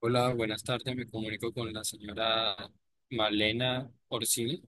Hola, buenas tardes. Me comunico con la señora Malena Orsini.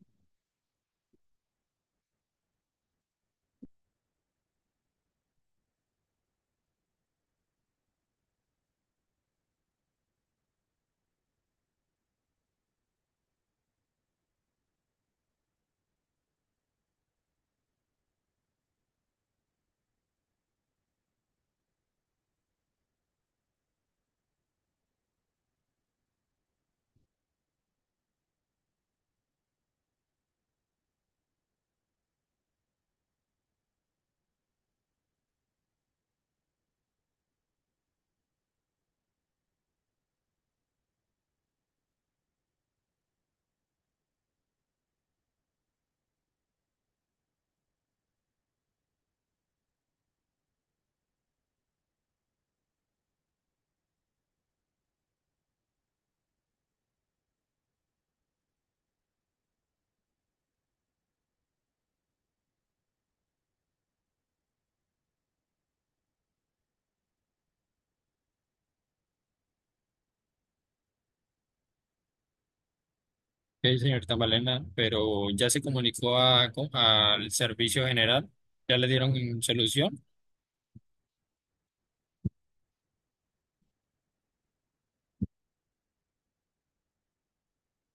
Sí, señorita Malena, pero ya se comunicó al servicio general. Ya le dieron solución.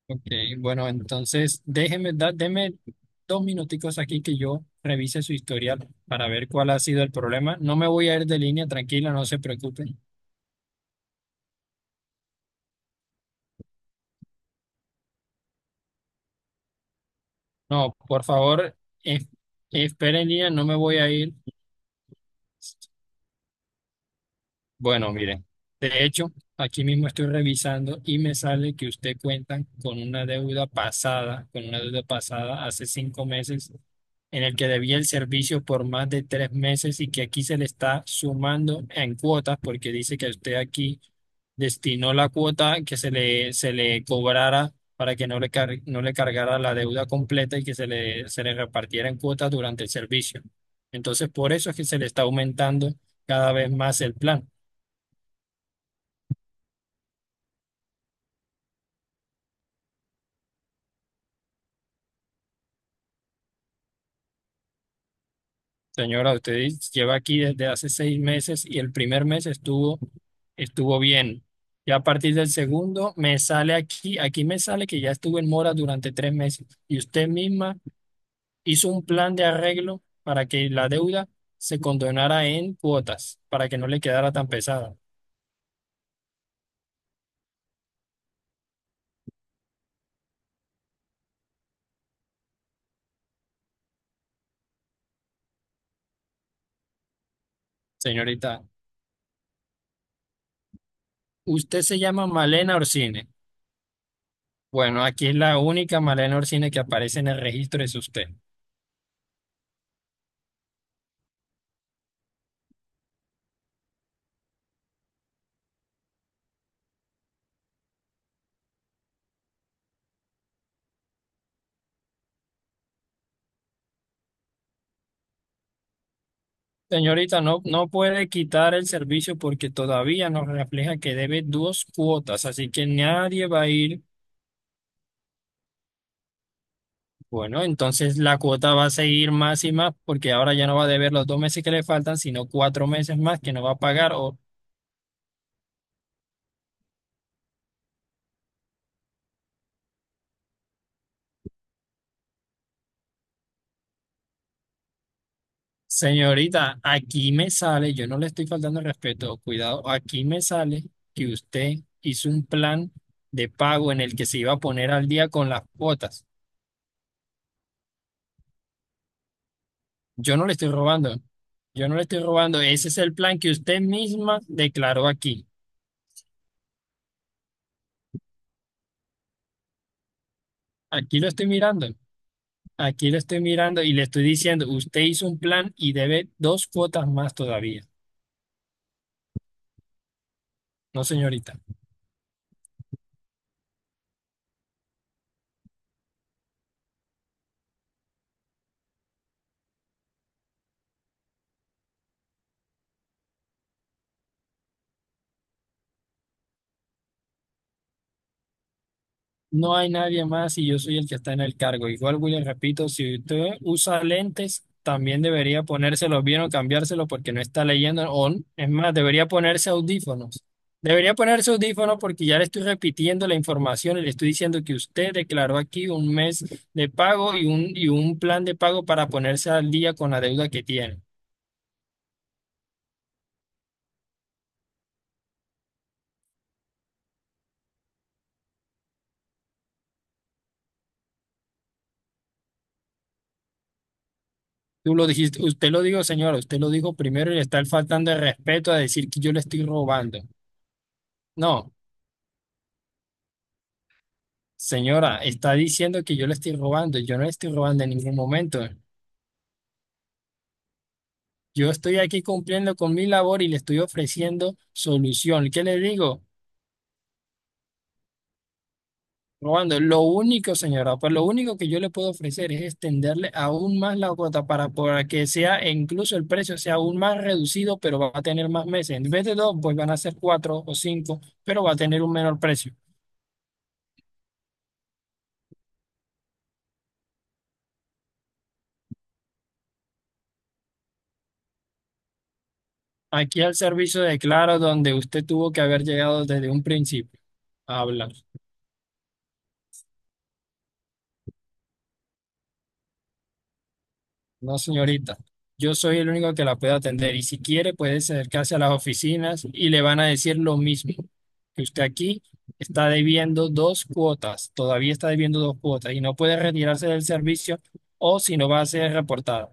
Ok, bueno, entonces déjeme, deme 2 minuticos aquí que yo revise su historial para ver cuál ha sido el problema. No me voy a ir de línea, tranquila, no se preocupen. No, por favor, es espere en línea, no me voy a ir. Bueno, miren, de hecho, aquí mismo estoy revisando y me sale que usted cuenta con una deuda pasada, con una deuda pasada hace 5 meses, en el que debía el servicio por más de 3 meses y que aquí se le está sumando en cuotas porque dice que usted aquí destinó la cuota que se le cobrara para que no le cargara la deuda completa y que se le repartiera en cuotas durante el servicio. Entonces, por eso es que se le está aumentando cada vez más el plan. Señora, usted lleva aquí desde hace 6 meses y el primer mes estuvo bien. Ya a partir del segundo me sale aquí me sale que ya estuve en mora durante 3 meses y usted misma hizo un plan de arreglo para que la deuda se condonara en cuotas, para que no le quedara tan pesada. Señorita, usted se llama Malena Orsine. Bueno, aquí es la única Malena Orsine que aparece en el registro es usted. Señorita, no, no puede quitar el servicio porque todavía nos refleja que debe dos cuotas, así que nadie va a ir. Bueno, entonces la cuota va a seguir más y más porque ahora ya no va a deber los 2 meses que le faltan, sino 4 meses más que no va a pagar. O señorita, aquí me sale, yo no le estoy faltando el respeto, cuidado, aquí me sale que usted hizo un plan de pago en el que se iba a poner al día con las cuotas. Yo no le estoy robando, yo no le estoy robando, ese es el plan que usted misma declaró aquí. Aquí lo estoy mirando, aquí lo estoy mirando y le estoy diciendo, usted hizo un plan y debe dos cuotas más todavía. No, señorita. No hay nadie más y yo soy el que está en el cargo. Igual, William, repito, si usted usa lentes, también debería ponérselos bien o cambiárselos porque no está leyendo. O, es más, debería ponerse audífonos. Debería ponerse audífonos porque ya le estoy repitiendo la información y le estoy diciendo que usted declaró aquí un mes de pago y un plan de pago para ponerse al día con la deuda que tiene. Tú lo dijiste, usted lo dijo, señora, usted lo dijo primero y le está faltando el respeto a decir que yo le estoy robando. No. Señora, está diciendo que yo le estoy robando. Yo no le estoy robando en ningún momento. Yo estoy aquí cumpliendo con mi labor y le estoy ofreciendo solución. ¿Qué le digo? Robando. Lo único, señora, pues lo único que yo le puedo ofrecer es extenderle aún más la cuota para que sea, e incluso el precio sea aún más reducido, pero va a tener más meses. En vez de dos, pues van a ser cuatro o cinco, pero va a tener un menor precio. Aquí al servicio de Claro, donde usted tuvo que haber llegado desde un principio. Habla. No, señorita. Yo soy el único que la puede atender y si quiere puede acercarse a las oficinas y le van a decir lo mismo, que usted aquí está debiendo dos cuotas, todavía está debiendo dos cuotas y no puede retirarse del servicio o si no va a ser reportada.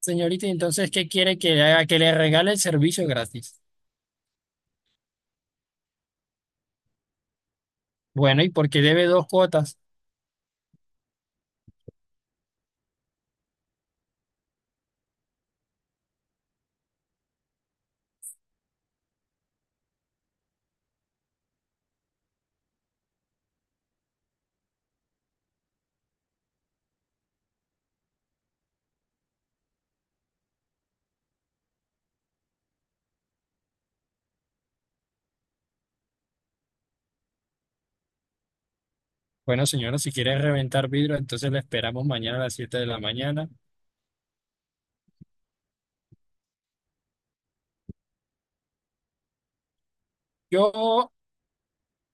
Señorita, entonces, ¿qué quiere que le haga? Que le regale el servicio gratis. Bueno, ¿y por qué debe dos cuotas? Bueno, señora, si quiere reventar vidrio, entonces la esperamos mañana a las 7 de la mañana. Yo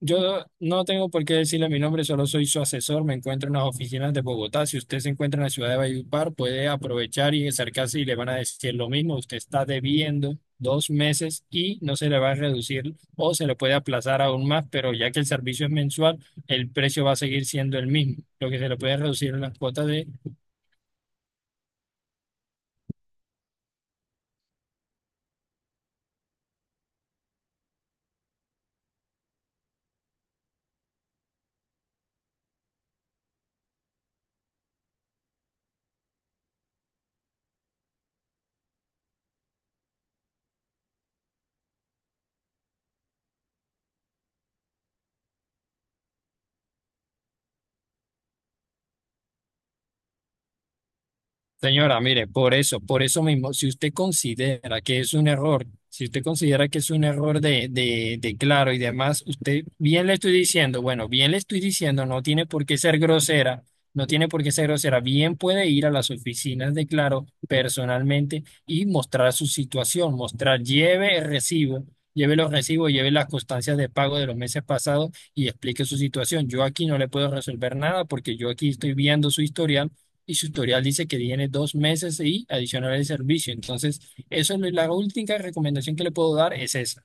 Yo no tengo por qué decirle mi nombre, solo soy su asesor. Me encuentro en las oficinas de Bogotá. Si usted se encuentra en la ciudad de Valledupar, puede aprovechar y acercarse y le van a decir lo mismo. Usted está debiendo 2 meses y no se le va a reducir o se le puede aplazar aún más, pero ya que el servicio es mensual, el precio va a seguir siendo el mismo. Lo que se le puede reducir en las cuotas. Señora, mire, por eso mismo, si usted considera que es un error, si usted considera que es un error de Claro y demás, usted bien le estoy diciendo, bueno, bien le estoy diciendo, no tiene por qué ser grosera, no tiene por qué ser grosera, bien puede ir a las oficinas de Claro personalmente y mostrar su situación, lleve el recibo, lleve los recibos, lleve las constancias de pago de los meses pasados y explique su situación. Yo aquí no le puedo resolver nada porque yo aquí estoy viendo su historial y su tutorial dice que tiene dos meses y adicional el servicio. Entonces, eso es la última recomendación que le puedo dar es esa.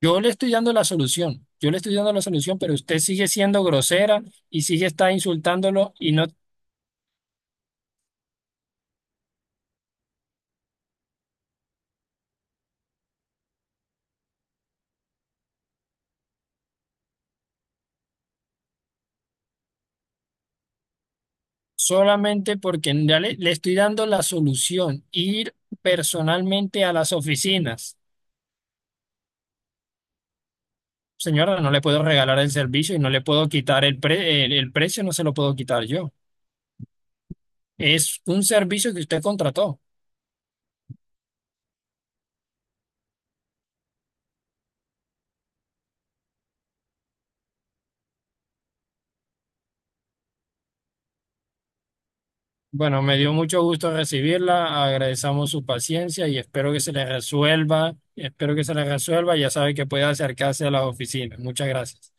Yo le estoy dando la solución, yo le estoy dando la solución, pero usted sigue siendo grosera y sigue está insultándolo y no solamente porque ya le estoy dando la solución, ir personalmente a las oficinas. Señora, no le puedo regalar el servicio y no le puedo quitar el precio, no se lo puedo quitar yo. Es un servicio que usted contrató. Bueno, me dio mucho gusto recibirla, agradecemos su paciencia y espero que se le resuelva, espero que se le resuelva, ya sabe que puede acercarse a las oficinas. Muchas gracias.